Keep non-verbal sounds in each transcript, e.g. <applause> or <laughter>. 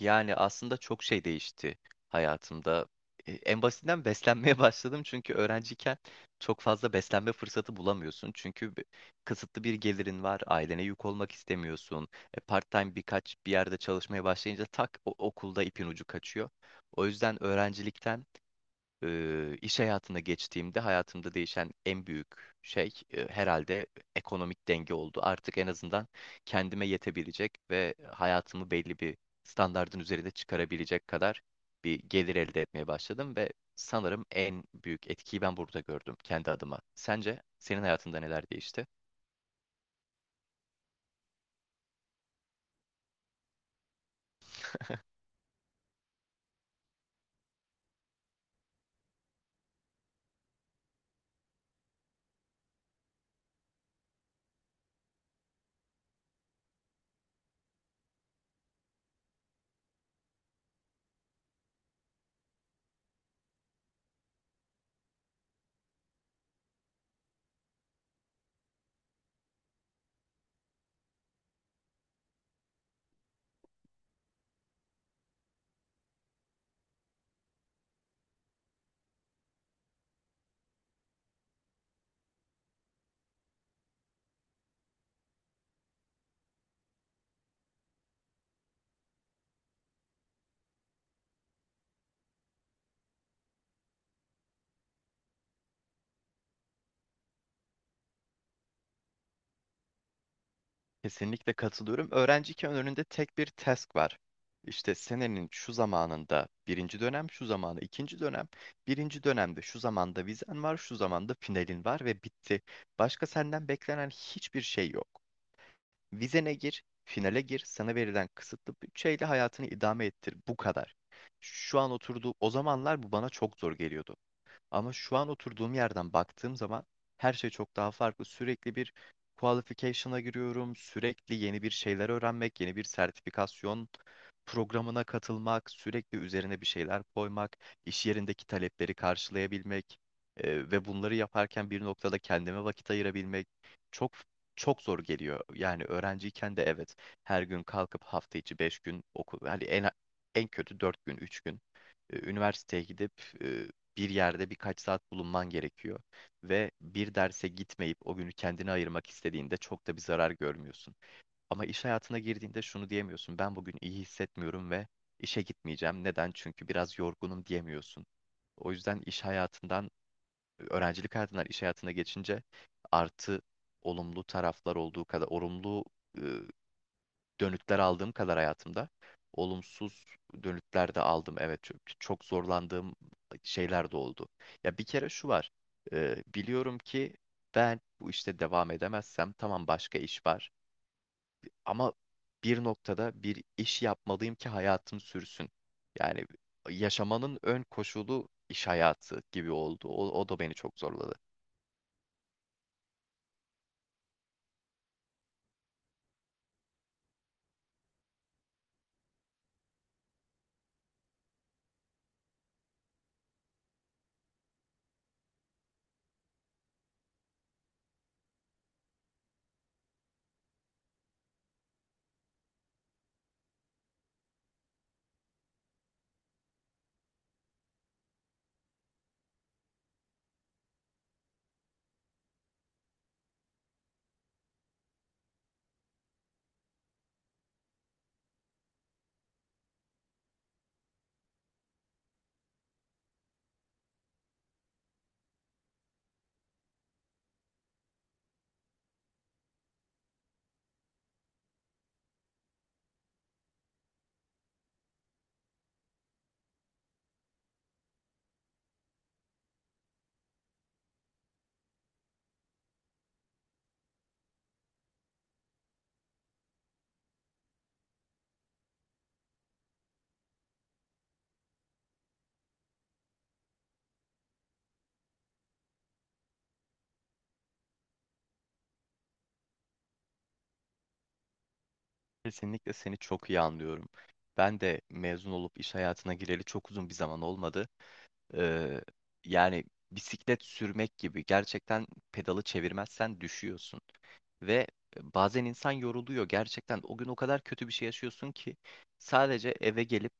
Yani aslında çok şey değişti hayatımda. En basitinden beslenmeye <laughs> başladım çünkü öğrenciyken çok fazla beslenme fırsatı bulamıyorsun. Çünkü kısıtlı bir gelirin var, ailene yük olmak istemiyorsun. Part-time birkaç bir yerde çalışmaya başlayınca tak okulda ipin ucu kaçıyor. O yüzden öğrencilikten iş hayatına geçtiğimde hayatımda değişen en büyük şey herhalde ekonomik denge oldu. Artık en azından kendime yetebilecek ve hayatımı belli bir standardın üzerinde çıkarabilecek kadar bir gelir elde etmeye başladım ve sanırım en büyük etkiyi ben burada gördüm kendi adıma. Sence senin hayatında neler değişti? Kesinlikle katılıyorum. Öğrenciyken önünde tek bir task var. İşte senenin şu zamanında birinci dönem, şu zamanı ikinci dönem, birinci dönemde şu zamanda vizen var, şu zamanda finalin var ve bitti. Başka senden beklenen hiçbir şey yok. Vizene gir, finale gir, sana verilen kısıtlı bütçeyle hayatını idame ettir. Bu kadar. Şu an oturduğu o zamanlar bu bana çok zor geliyordu. Ama şu an oturduğum yerden baktığım zaman her şey çok daha farklı. Sürekli bir qualification'a giriyorum. Sürekli yeni bir şeyler öğrenmek, yeni bir sertifikasyon programına katılmak, sürekli üzerine bir şeyler koymak, iş yerindeki talepleri karşılayabilmek ve bunları yaparken bir noktada kendime vakit ayırabilmek çok çok zor geliyor. Yani öğrenciyken de evet her gün kalkıp hafta içi 5 gün okul, yani en kötü 4 gün, 3 gün üniversiteye gidip bir yerde birkaç saat bulunman gerekiyor. Ve bir derse gitmeyip o günü kendine ayırmak istediğinde çok da bir zarar görmüyorsun. Ama iş hayatına girdiğinde şunu diyemiyorsun. Ben bugün iyi hissetmiyorum ve işe gitmeyeceğim. Neden? Çünkü biraz yorgunum diyemiyorsun. O yüzden öğrencilik hayatından iş hayatına geçince artı olumlu taraflar olduğu kadar, olumlu dönütler aldığım kadar hayatımda olumsuz dönütler de aldım. Evet çok, çok zorlandığım şeyler de oldu. Ya bir kere şu var. Biliyorum ki ben bu işte devam edemezsem tamam başka iş var. Ama bir noktada bir iş yapmalıyım ki hayatım sürsün. Yani yaşamanın ön koşulu iş hayatı gibi oldu. O da beni çok zorladı. Kesinlikle seni çok iyi anlıyorum. Ben de mezun olup iş hayatına gireli çok uzun bir zaman olmadı. Ee, yani bisiklet sürmek gibi gerçekten pedalı çevirmezsen düşüyorsun. Ve bazen insan yoruluyor gerçekten. O gün o kadar kötü bir şey yaşıyorsun ki sadece eve gelip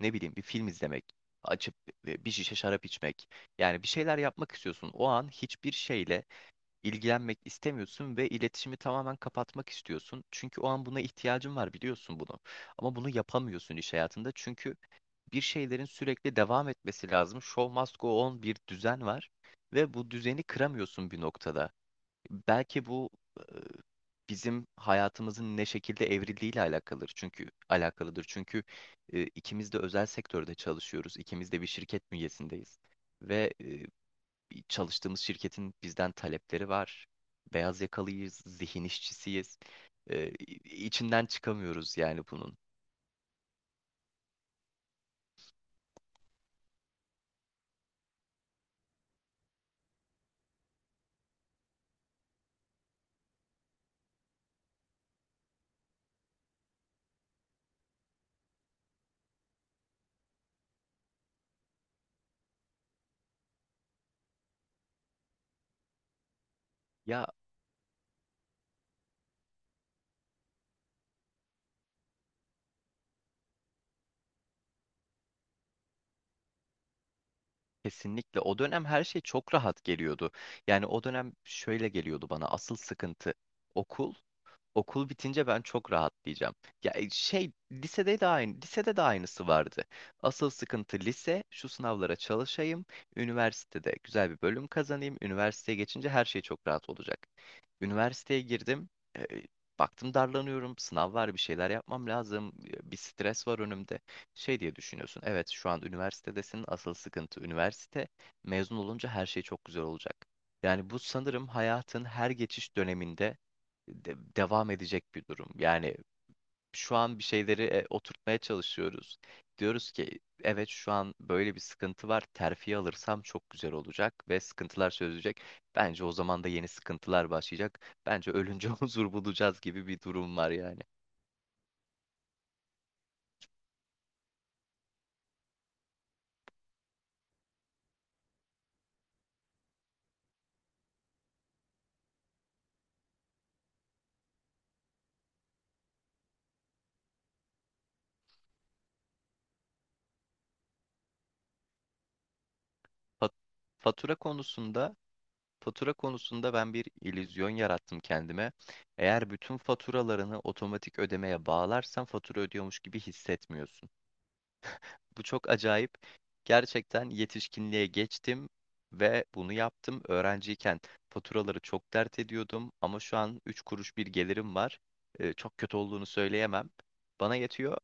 ne bileyim bir film izlemek, açıp bir şişe şarap içmek. Yani bir şeyler yapmak istiyorsun. O an hiçbir şeyle ilgilenmek istemiyorsun ve iletişimi tamamen kapatmak istiyorsun. Çünkü o an buna ihtiyacın var biliyorsun bunu. Ama bunu yapamıyorsun iş hayatında çünkü bir şeylerin sürekli devam etmesi lazım. Show must go on bir düzen var ve bu düzeni kıramıyorsun bir noktada. Belki bu e, bizim hayatımızın ne şekilde evrildiğiyle alakalıdır. Çünkü alakalıdır. Çünkü ikimiz de özel sektörde çalışıyoruz. İkimiz de bir şirket bünyesindeyiz. Ve bir çalıştığımız şirketin bizden talepleri var. Beyaz yakalıyız, zihin işçisiyiz. Ee, içinden çıkamıyoruz yani bunun. Ya kesinlikle o dönem her şey çok rahat geliyordu. Yani o dönem şöyle geliyordu bana asıl sıkıntı okul. Okul bitince ben çok rahatlayacağım. Ya lisede de aynı, lisede de aynısı vardı. Asıl sıkıntı lise, şu sınavlara çalışayım, üniversitede güzel bir bölüm kazanayım, üniversiteye geçince her şey çok rahat olacak. Üniversiteye girdim, e, baktım darlanıyorum, sınav var, bir şeyler yapmam lazım, bir stres var önümde. Şey diye düşünüyorsun, evet şu an üniversitedesin, asıl sıkıntı üniversite, mezun olunca her şey çok güzel olacak. Yani bu sanırım hayatın her geçiş döneminde devam edecek bir durum. Yani şu an bir şeyleri oturtmaya çalışıyoruz. Diyoruz ki evet şu an böyle bir sıkıntı var. Terfi alırsam çok güzel olacak ve sıkıntılar çözülecek. Bence o zaman da yeni sıkıntılar başlayacak. Bence ölünce <laughs> huzur bulacağız gibi bir durum var yani. Fa- Fatura konusunda Fatura konusunda ben bir illüzyon yarattım kendime. Eğer bütün faturalarını otomatik ödemeye bağlarsan fatura ödüyormuş gibi hissetmiyorsun. Bu çok acayip. Gerçekten yetişkinliğe geçtim ve bunu yaptım. Öğrenciyken faturaları çok dert ediyordum ama şu an 3 kuruş bir gelirim var. Çok kötü olduğunu söyleyemem. Bana yetiyor.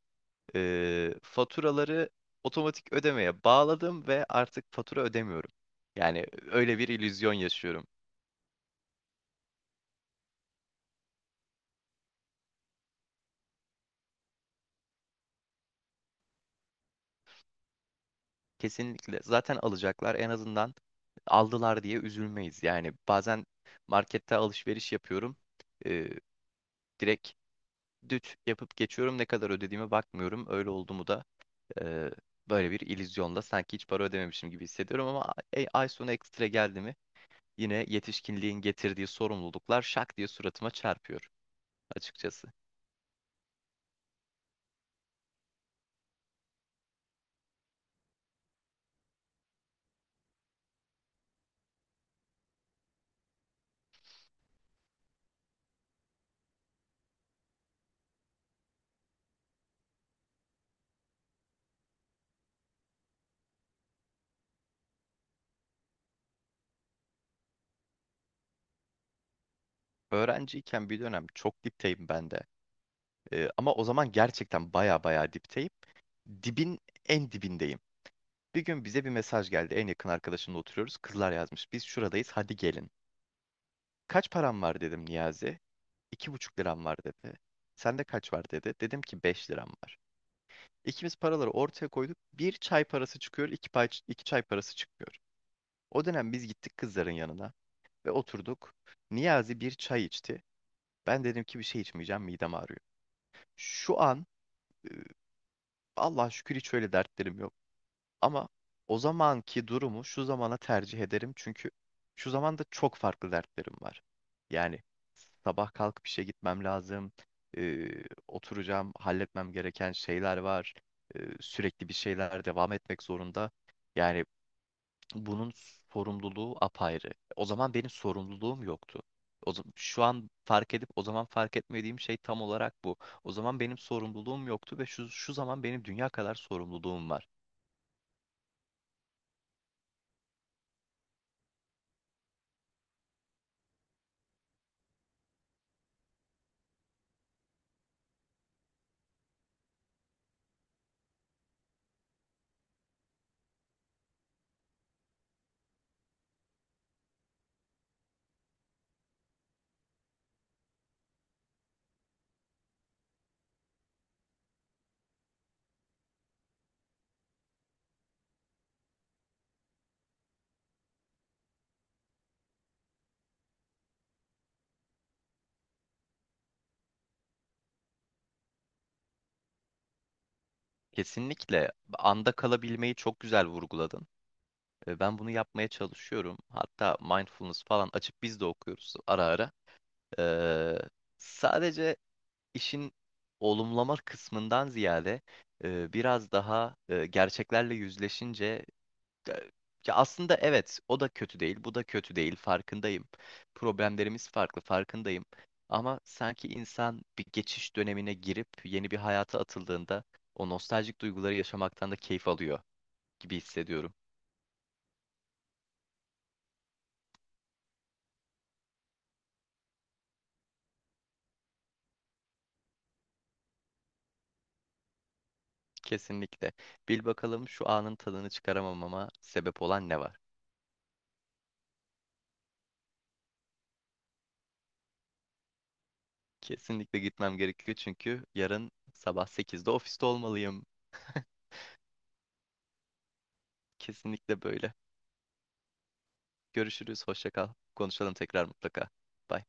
Faturaları otomatik ödemeye bağladım ve artık fatura ödemiyorum. Yani öyle bir illüzyon yaşıyorum. Kesinlikle. Zaten alacaklar en azından aldılar diye üzülmeyiz. Yani bazen markette alışveriş yapıyorum. Ee, direkt düt yapıp geçiyorum. Ne kadar ödediğime bakmıyorum. Öyle oldu mu da e, böyle bir illüzyonla sanki hiç para ödememişim gibi hissediyorum ama ay sonu ekstra geldi mi yine yetişkinliğin getirdiği sorumluluklar şak diye suratıma çarpıyor açıkçası. Öğrenciyken bir dönem çok dipteyim ben de. Ama o zaman gerçekten baya baya dipteyim. Dibin en dibindeyim. Bir gün bize bir mesaj geldi. En yakın arkadaşımla oturuyoruz. Kızlar yazmış. Biz şuradayız. Hadi gelin. Kaç param var dedim Niyazi. 2,5 liram var dedi. Sende kaç var dedi. Dedim ki 5 liram var. İkimiz paraları ortaya koyduk. Bir çay parası çıkıyor, iki, pay, iki çay parası çıkıyor. O dönem biz gittik kızların yanına ve oturduk. Niyazi bir çay içti. Ben dedim ki bir şey içmeyeceğim, midem ağrıyor. Şu an e, Allah'a şükür hiç öyle dertlerim yok. Ama o zamanki durumu şu zamana tercih ederim çünkü şu zamanda çok farklı dertlerim var. Yani sabah kalkıp işe gitmem lazım, e, oturacağım, halletmem gereken şeyler var, sürekli bir şeyler devam etmek zorunda. Yani bunun sorumluluğu apayrı. O zaman benim sorumluluğum yoktu. O zaman, şu an fark edip o zaman fark etmediğim şey tam olarak bu. O zaman benim sorumluluğum yoktu ve şu zaman benim dünya kadar sorumluluğum var. Kesinlikle anda kalabilmeyi çok güzel vurguladın. Ben bunu yapmaya çalışıyorum. Hatta mindfulness falan açıp biz de okuyoruz ara ara. Ee, sadece işin olumlama kısmından ziyade biraz daha gerçeklerle yüzleşince ya ya aslında evet, o da kötü değil, bu da kötü değil, farkındayım. Problemlerimiz farklı, farkındayım. Ama sanki insan bir geçiş dönemine girip yeni bir hayata atıldığında o nostaljik duyguları yaşamaktan da keyif alıyor gibi hissediyorum. Kesinlikle. Bil bakalım şu anın tadını çıkaramamama sebep olan ne var? Kesinlikle gitmem gerekiyor çünkü yarın sabah 8'de ofiste olmalıyım. <laughs> Kesinlikle böyle. Görüşürüz, hoşça kal. Konuşalım tekrar mutlaka. Bye.